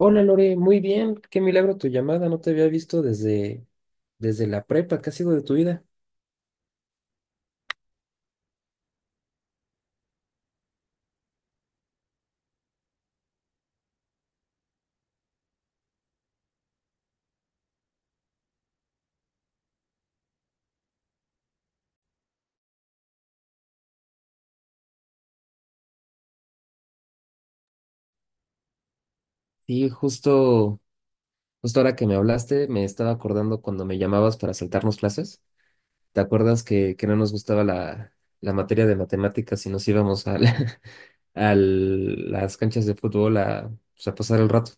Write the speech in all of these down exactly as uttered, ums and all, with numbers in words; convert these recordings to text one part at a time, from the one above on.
Hola Lore, muy bien, qué milagro tu llamada, no te había visto desde, desde la prepa, ¿qué ha sido de tu vida? Sí, justo, justo ahora que me hablaste, me estaba acordando cuando me llamabas para saltarnos clases. ¿Te acuerdas que, que no nos gustaba la, la materia de matemáticas y nos íbamos a, la- a las canchas de fútbol a, pues, a pasar el rato?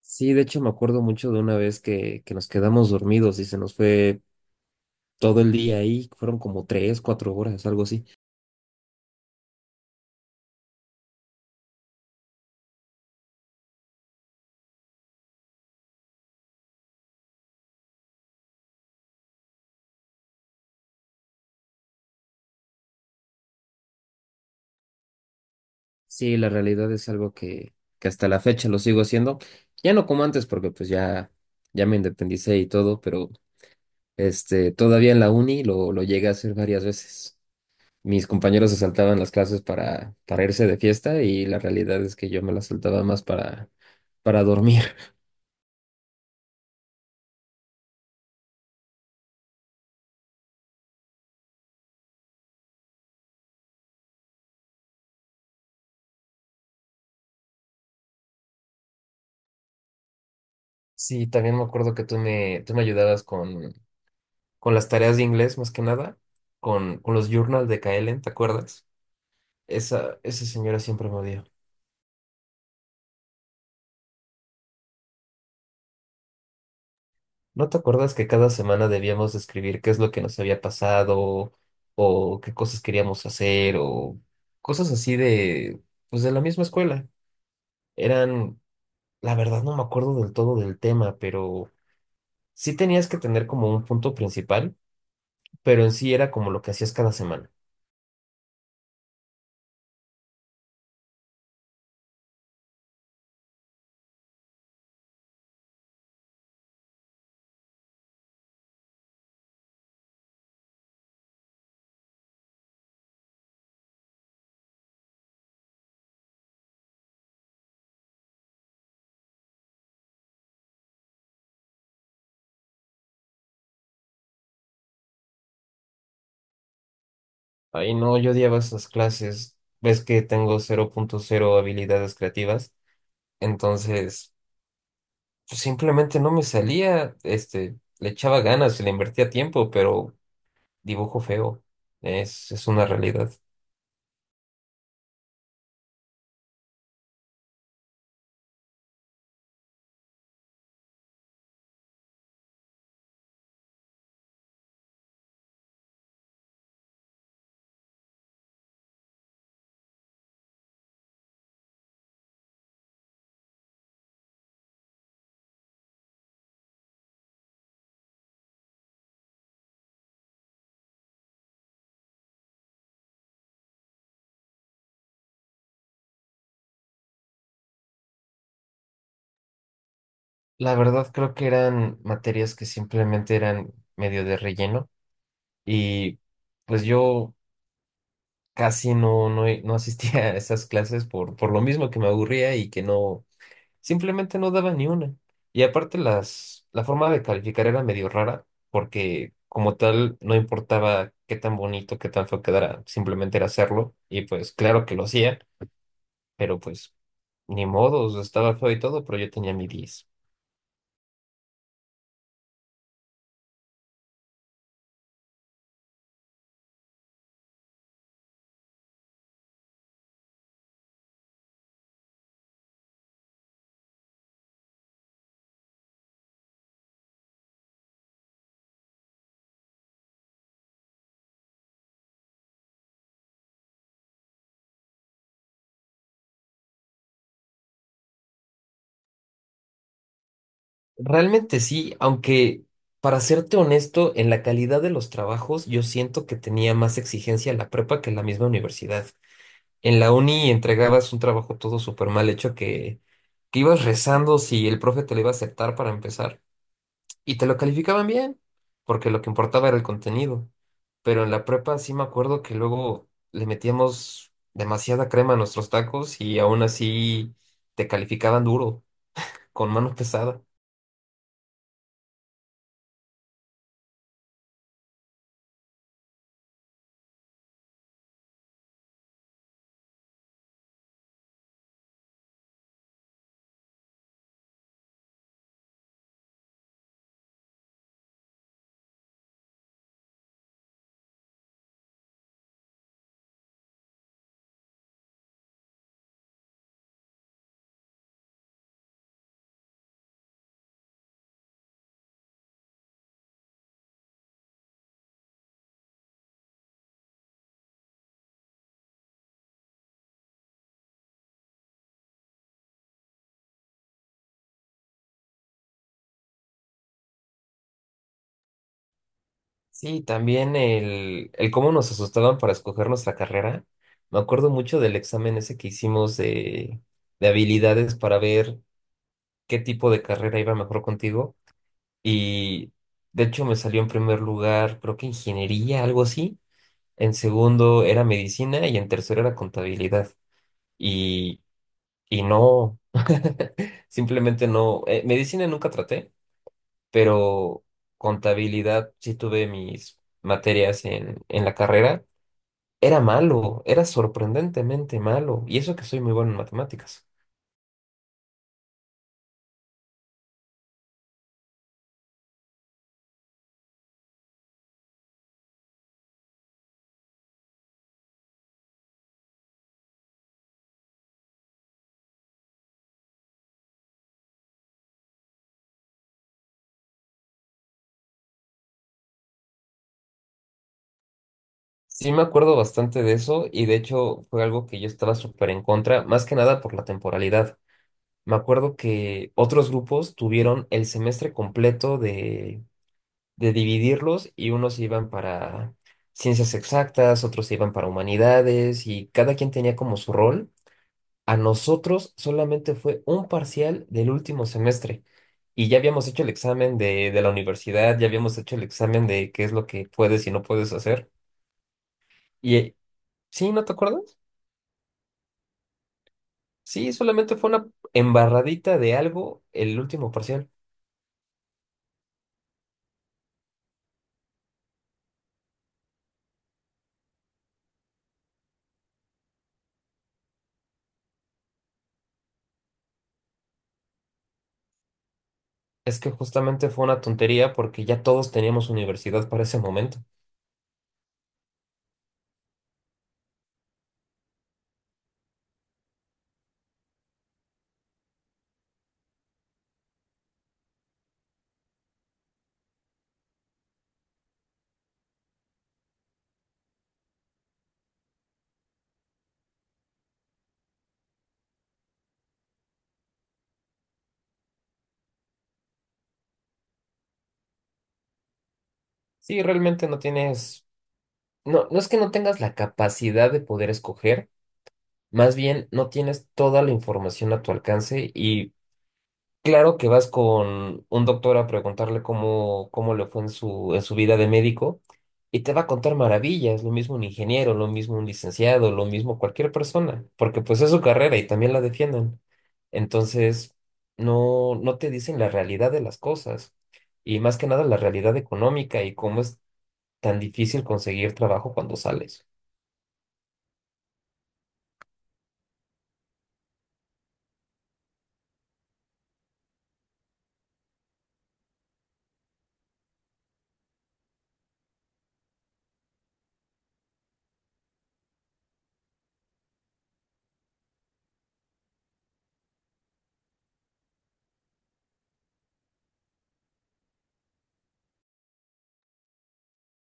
Sí, de hecho me acuerdo mucho de una vez que, que nos quedamos dormidos y se nos fue todo el día ahí, fueron como tres, cuatro horas, algo así. Sí, la realidad es algo que, que hasta la fecha lo sigo haciendo. Ya no como antes, porque pues ya, ya me independicé y todo, pero este, todavía en la uni lo, lo llegué a hacer varias veces. Mis compañeros se saltaban las clases para, para irse de fiesta y la realidad es que yo me las saltaba más para, para dormir. Sí, también me acuerdo que tú me, tú me ayudabas con, con las tareas de inglés, más que nada, con, con los journals de Kaelen, ¿te acuerdas? Esa, esa señora siempre me odió. ¿No te acuerdas que cada semana debíamos escribir qué es lo que nos había pasado o qué cosas queríamos hacer o cosas así de, pues de la misma escuela? Eran, la verdad no me acuerdo del todo del tema, pero sí tenías que tener como un punto principal, pero en sí era como lo que hacías cada semana. Ay, no, yo odiaba esas clases. Ves que tengo cero punto cero habilidades creativas, entonces pues, simplemente no me salía, este, le echaba ganas, le invertía tiempo, pero dibujo feo. Es, es una realidad. La verdad creo que eran materias que simplemente eran medio de relleno y pues yo casi no, no, no asistía a esas clases por, por lo mismo que me aburría y que no, simplemente no daba ni una. Y aparte las, la forma de calificar era medio rara porque como tal no importaba qué tan bonito, qué tan feo quedara, simplemente era hacerlo y pues claro que lo hacía, pero pues ni modo, estaba feo y todo, pero yo tenía mi diez. Realmente sí, aunque para serte honesto, en la calidad de los trabajos yo siento que tenía más exigencia la prepa que la misma universidad. En la uni entregabas un trabajo todo súper mal hecho que, que ibas rezando si el profe te lo iba a aceptar para empezar y te lo calificaban bien, porque lo que importaba era el contenido. Pero en la prepa sí me acuerdo que luego le metíamos demasiada crema a nuestros tacos y aún así te calificaban duro, con mano pesada. Sí, también el, el cómo nos asustaban para escoger nuestra carrera. Me acuerdo mucho del examen ese que hicimos de, de habilidades para ver qué tipo de carrera iba mejor contigo. Y de hecho me salió en primer lugar, creo que ingeniería, algo así. En segundo era medicina y en tercero era contabilidad. Y, y no, simplemente no. Eh, medicina nunca traté, pero contabilidad sí tuve mis materias en, en la carrera. Era malo, era sorprendentemente malo, y eso que soy muy bueno en matemáticas. Sí me acuerdo bastante de eso, y de hecho fue algo que yo estaba súper en contra, más que nada por la temporalidad. Me acuerdo que otros grupos tuvieron el semestre completo de, de dividirlos, y unos iban para ciencias exactas, otros iban para humanidades, y cada quien tenía como su rol. A nosotros solamente fue un parcial del último semestre y ya habíamos hecho el examen de, de la universidad, ya habíamos hecho el examen de qué es lo que puedes y no puedes hacer. Y eh, sí, ¿no te acuerdas? Sí, solamente fue una embarradita de algo el último parcial. Es que justamente fue una tontería porque ya todos teníamos universidad para ese momento. Sí, realmente no tienes, no, no es que no tengas la capacidad de poder escoger, más bien no tienes toda la información a tu alcance y claro que vas con un doctor a preguntarle cómo, cómo le fue en su, en su vida de médico y te va a contar maravillas, lo mismo un ingeniero, lo mismo un licenciado, lo mismo cualquier persona, porque pues es su carrera y también la defienden. Entonces, no, no te dicen la realidad de las cosas y más que nada la realidad económica y cómo es tan difícil conseguir trabajo cuando sales.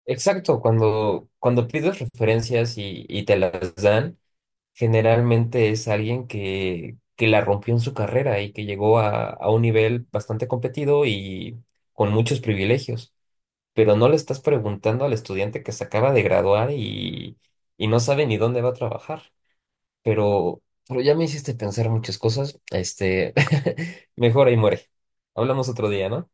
Exacto, cuando, cuando pides referencias y, y te las dan. Generalmente es alguien que, que la rompió en su carrera y que llegó a, a un nivel bastante competido y con muchos privilegios. Pero no le estás preguntando al estudiante que se acaba de graduar y, y no sabe ni dónde va a trabajar. Pero, pero ya me hiciste pensar muchas cosas. Este, mejor ahí muere. Hablamos otro día, ¿no?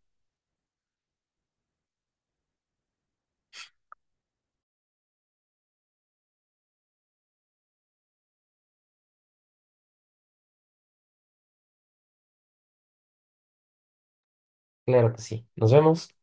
Claro que sí. Nos vemos.